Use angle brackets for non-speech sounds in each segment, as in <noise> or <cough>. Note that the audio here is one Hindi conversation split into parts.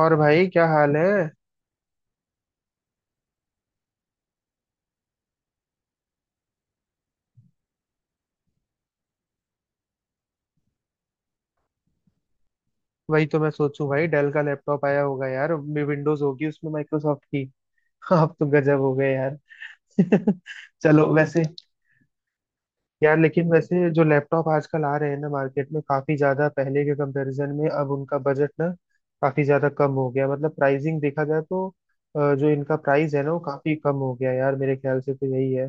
और भाई क्या हाल है। वही तो मैं सोचूं भाई, डेल का लैपटॉप आया होगा यार, विंडोज होगी उसमें माइक्रोसॉफ्ट की। <laughs> आप तो गजब हो गए यार। <laughs> चलो वैसे। यार लेकिन वैसे जो लैपटॉप आजकल आ रहे हैं ना मार्केट में, काफी ज्यादा पहले के कंपैरिजन में अब उनका बजट ना काफी ज्यादा कम हो गया, मतलब प्राइसिंग देखा जाए तो। जो इनका प्राइस है ना वो काफी कम हो गया यार, मेरे ख्याल से तो यही है।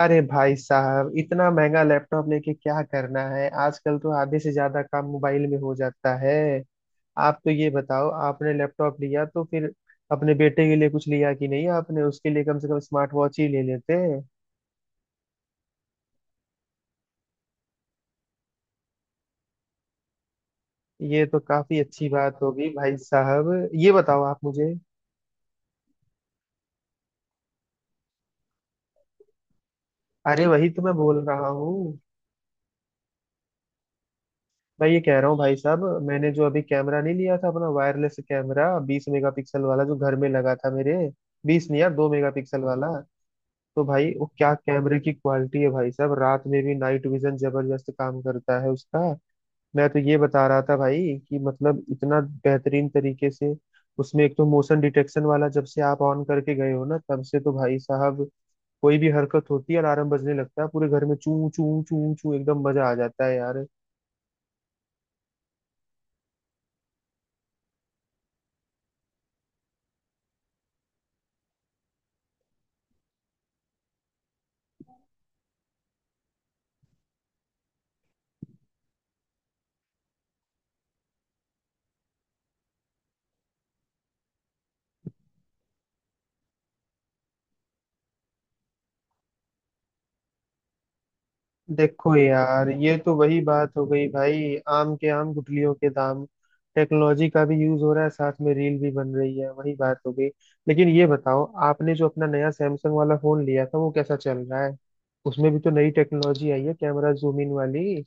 अरे भाई साहब, इतना महंगा लैपटॉप लेके क्या करना है, आजकल तो आधे से ज्यादा काम मोबाइल में हो जाता है। आप तो ये बताओ, आपने लैपटॉप लिया तो फिर अपने बेटे के लिए कुछ लिया कि नहीं, आपने उसके लिए कम से कम स्मार्ट वॉच ही ले लेते। ये तो काफी अच्छी बात होगी भाई साहब। ये बताओ आप मुझे। अरे वही तो मैं बोल रहा हूँ। मैं ये कह रहा हूँ भाई साहब, मैंने जो अभी कैमरा नहीं लिया था अपना, वायरलेस कैमरा 20 मेगापिक्सल वाला जो घर में लगा था मेरे। बीस नहीं यार, 2 मेगापिक्सल वाला। तो भाई वो क्या कैमरे की क्वालिटी है भाई साहब, रात में भी नाइट विजन जबरदस्त काम करता है उसका। मैं तो ये बता रहा था भाई कि मतलब इतना बेहतरीन तरीके से, उसमें एक तो मोशन डिटेक्शन वाला, जब से आप ऑन करके गए हो ना तब से तो भाई साहब कोई भी हरकत होती है अलार्म बजने लगता है पूरे घर में, चू चू चू चू, एकदम मजा आ जाता है यार। देखो यार ये तो वही बात हो गई भाई, आम के आम गुठलियों के दाम। टेक्नोलॉजी का भी यूज हो रहा है, साथ में रील भी बन रही है, वही बात हो गई। लेकिन ये बताओ, आपने जो अपना नया सैमसंग वाला फोन लिया था वो कैसा चल रहा है। उसमें भी तो नई टेक्नोलॉजी आई है, कैमरा जूम इन वाली।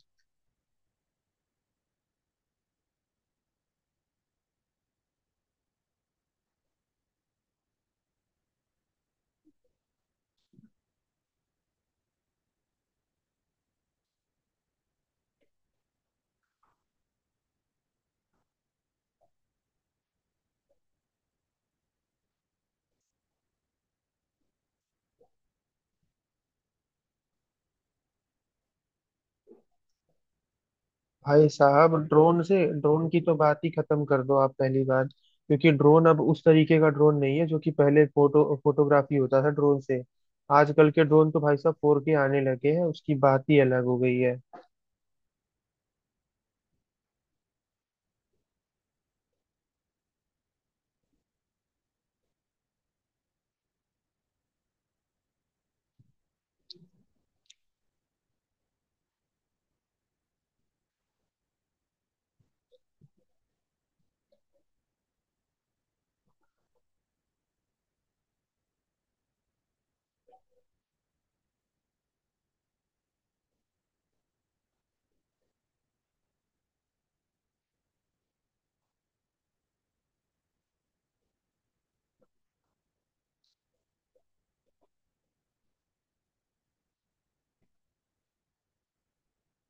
भाई साहब ड्रोन से, ड्रोन की तो बात ही खत्म कर दो आप पहली बार, क्योंकि ड्रोन अब उस तरीके का ड्रोन नहीं है जो कि पहले फोटो फोटोग्राफी होता था ड्रोन से। आजकल के ड्रोन तो भाई साहब फोर के आने लगे हैं, उसकी बात ही अलग हो गई है।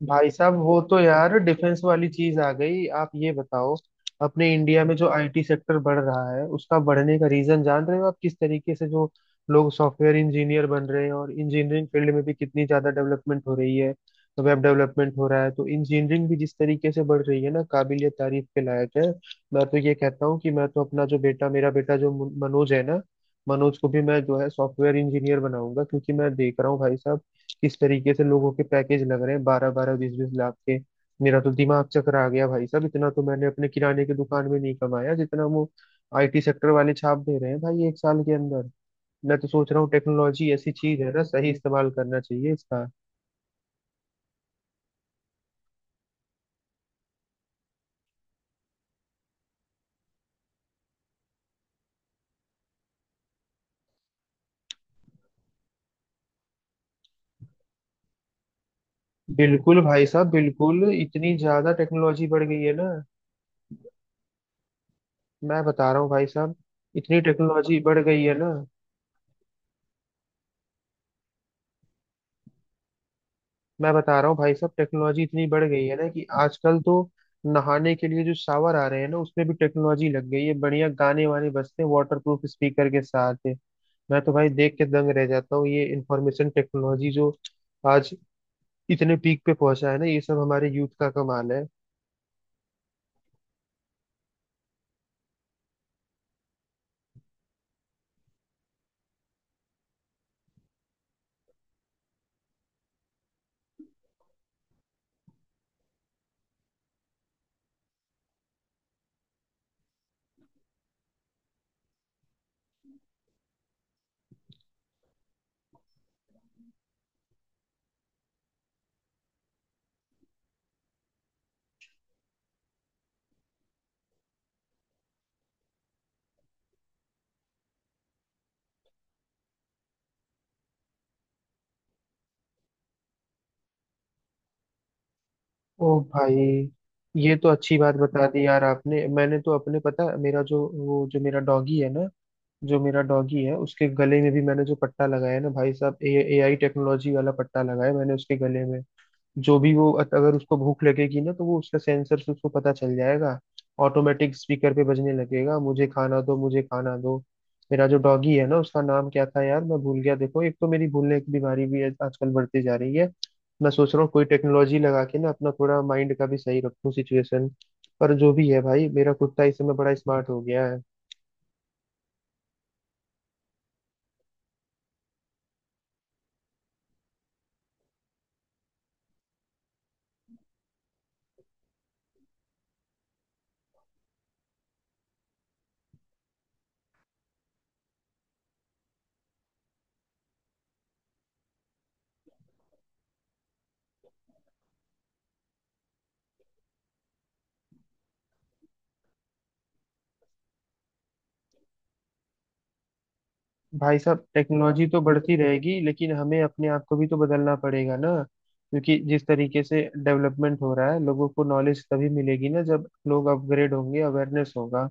भाई साहब वो तो यार डिफेंस वाली चीज आ गई, आप ये बताओ, अपने इंडिया में जो आईटी सेक्टर बढ़ रहा है उसका बढ़ने का रीजन जान रहे हो आप? किस तरीके से जो लोग सॉफ्टवेयर इंजीनियर बन रहे हैं, और इंजीनियरिंग फील्ड में भी कितनी ज्यादा डेवलपमेंट हो रही है, तो वेब डेवलपमेंट हो रहा है, तो इंजीनियरिंग भी जिस तरीके से बढ़ रही है ना, काबिलियत तारीफ के लायक है। मैं तो ये कहता हूँ कि मैं तो अपना जो बेटा, मेरा बेटा जो मनोज है ना, मनोज को भी मैं जो है सॉफ्टवेयर इंजीनियर बनाऊंगा, क्योंकि मैं देख रहा हूँ भाई साहब किस तरीके से लोगों के पैकेज लग रहे हैं, 12 12 20 20 लाख के। मेरा तो दिमाग चकरा गया भाई साहब, इतना तो मैंने अपने किराने की दुकान में नहीं कमाया जितना वो आईटी सेक्टर वाले छाप दे रहे हैं भाई एक साल के अंदर। मैं तो सोच रहा हूँ टेक्नोलॉजी ऐसी चीज है ना, सही इस्तेमाल करना चाहिए इसका। बिल्कुल भाई साहब बिल्कुल, इतनी ज्यादा टेक्नोलॉजी बढ़ गई है ना। मैं बता रहा हूँ भाई साहब, इतनी टेक्नोलॉजी बढ़ गई है ना। मैं बता रहा हूँ भाई साहब, टेक्नोलॉजी इतनी बढ़ गई है ना कि आजकल तो नहाने के लिए जो शावर आ रहे हैं ना उसमें भी टेक्नोलॉजी लग गई है, बढ़िया गाने वाने बजते हैं वाटर प्रूफ स्पीकर के साथ। मैं तो भाई देख के दंग रह जाता हूँ, ये इंफॉर्मेशन टेक्नोलॉजी जो आज इतने पीक पे पहुंचा है ना, ये सब हमारे यूथ का कमाल है। ओ भाई, ये तो अच्छी बात बता दी यार आपने। मैंने तो अपने, पता है, मेरा जो वो जो मेरा डॉगी है ना, जो मेरा डॉगी है उसके गले में भी मैंने जो पट्टा लगाया है ना भाई साहब, ए आई टेक्नोलॉजी वाला पट्टा लगाया मैंने उसके गले में। जो भी वो अगर उसको भूख लगेगी ना, तो वो उसका सेंसर से उसको पता चल जाएगा, ऑटोमेटिक स्पीकर पे बजने लगेगा, मुझे खाना दो, मुझे खाना दो। मेरा जो डॉगी है ना उसका नाम क्या था यार, मैं भूल गया। देखो एक तो मेरी भूलने की बीमारी भी आजकल बढ़ती जा रही है। मैं सोच रहा हूँ कोई टेक्नोलॉजी लगा के ना अपना थोड़ा माइंड का भी सही रखूं सिचुएशन। पर जो भी है भाई, मेरा कुत्ता इस समय बड़ा स्मार्ट हो गया है। भाई साहब टेक्नोलॉजी तो बढ़ती रहेगी, लेकिन हमें अपने आप को भी तो बदलना पड़ेगा ना, क्योंकि जिस तरीके से डेवलपमेंट हो रहा है लोगों को नॉलेज तभी मिलेगी ना जब लोग अपग्रेड होंगे, अवेयरनेस होगा।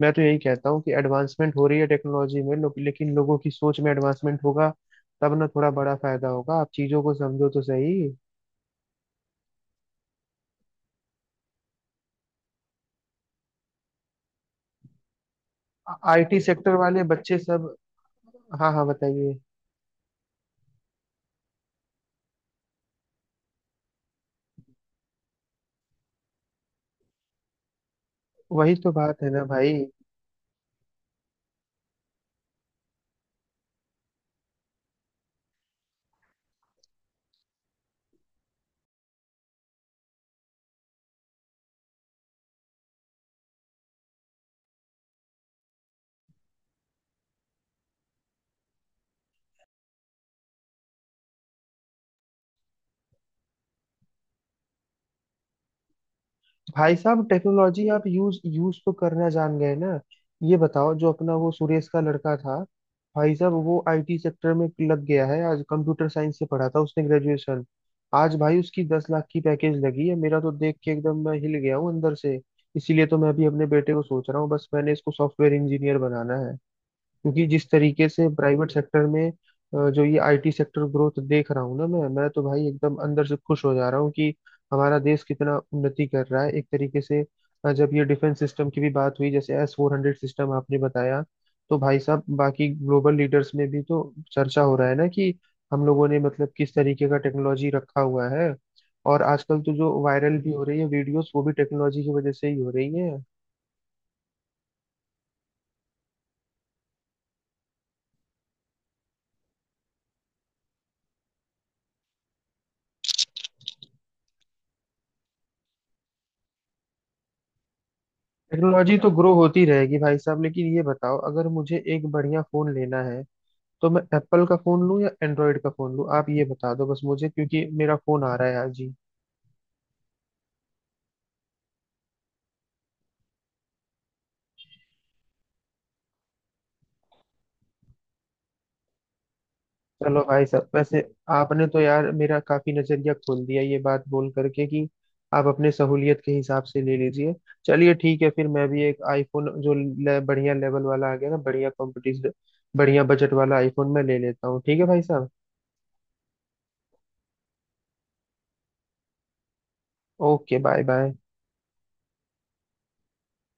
मैं तो यही कहता हूँ कि एडवांसमेंट हो रही है टेक्नोलॉजी में, लेकिन लोगों की सोच में एडवांसमेंट होगा तब ना थोड़ा बड़ा फायदा होगा, आप चीजों को समझो तो सही। आईटी सेक्टर वाले बच्चे सब। हाँ हाँ, बताइए। वही तो बात है ना भाई। भाई साहब टेक्नोलॉजी आप यूज यूज तो करना जान गए ना। ये बताओ, जो अपना वो सुरेश का लड़का था, भाई साहब वो आईटी सेक्टर में लग गया है, आज कंप्यूटर साइंस से पढ़ा था उसने ग्रेजुएशन। आज भाई उसकी 10 लाख की पैकेज लगी है, मेरा तो देख के एकदम मैं हिल गया हूँ अंदर से। इसीलिए तो मैं अभी अपने बेटे को सोच रहा हूँ, बस मैंने इसको सॉफ्टवेयर इंजीनियर बनाना है, क्योंकि जिस तरीके से प्राइवेट सेक्टर में जो ये आईटी सेक्टर ग्रोथ देख रहा हूँ ना मैं तो भाई एकदम अंदर से खुश हो जा रहा हूँ कि हमारा देश कितना उन्नति कर रहा है एक तरीके से। जब ये डिफेंस सिस्टम की भी बात हुई, जैसे S-400 सिस्टम आपने बताया, तो भाई साहब बाकी ग्लोबल लीडर्स में भी तो चर्चा हो रहा है ना कि हम लोगों ने मतलब किस तरीके का टेक्नोलॉजी रखा हुआ है। और आजकल तो जो वायरल भी हो रही है वीडियोस वो भी टेक्नोलॉजी की वजह से ही हो रही है। टेक्नोलॉजी तो ग्रो होती रहेगी भाई साहब, लेकिन ये बताओ, अगर मुझे एक बढ़िया फोन लेना है तो मैं एप्पल का फोन लूं या एंड्रॉयड का फोन लूं, आप ये बता दो बस मुझे, क्योंकि मेरा फोन आ रहा है आज ही। चलो भाई साहब वैसे, आपने तो यार मेरा काफी नजरिया खोल दिया ये बात बोल करके कि आप अपने सहूलियत के हिसाब से ले लीजिए। चलिए ठीक है, फिर मैं भी एक आईफोन जो बढ़िया लेवल वाला आ गया ना, बढ़िया कॉम्पिटिशन, बढ़िया बजट वाला आईफोन मैं ले लेता हूँ, ठीक है भाई साहब। Okay, bye bye.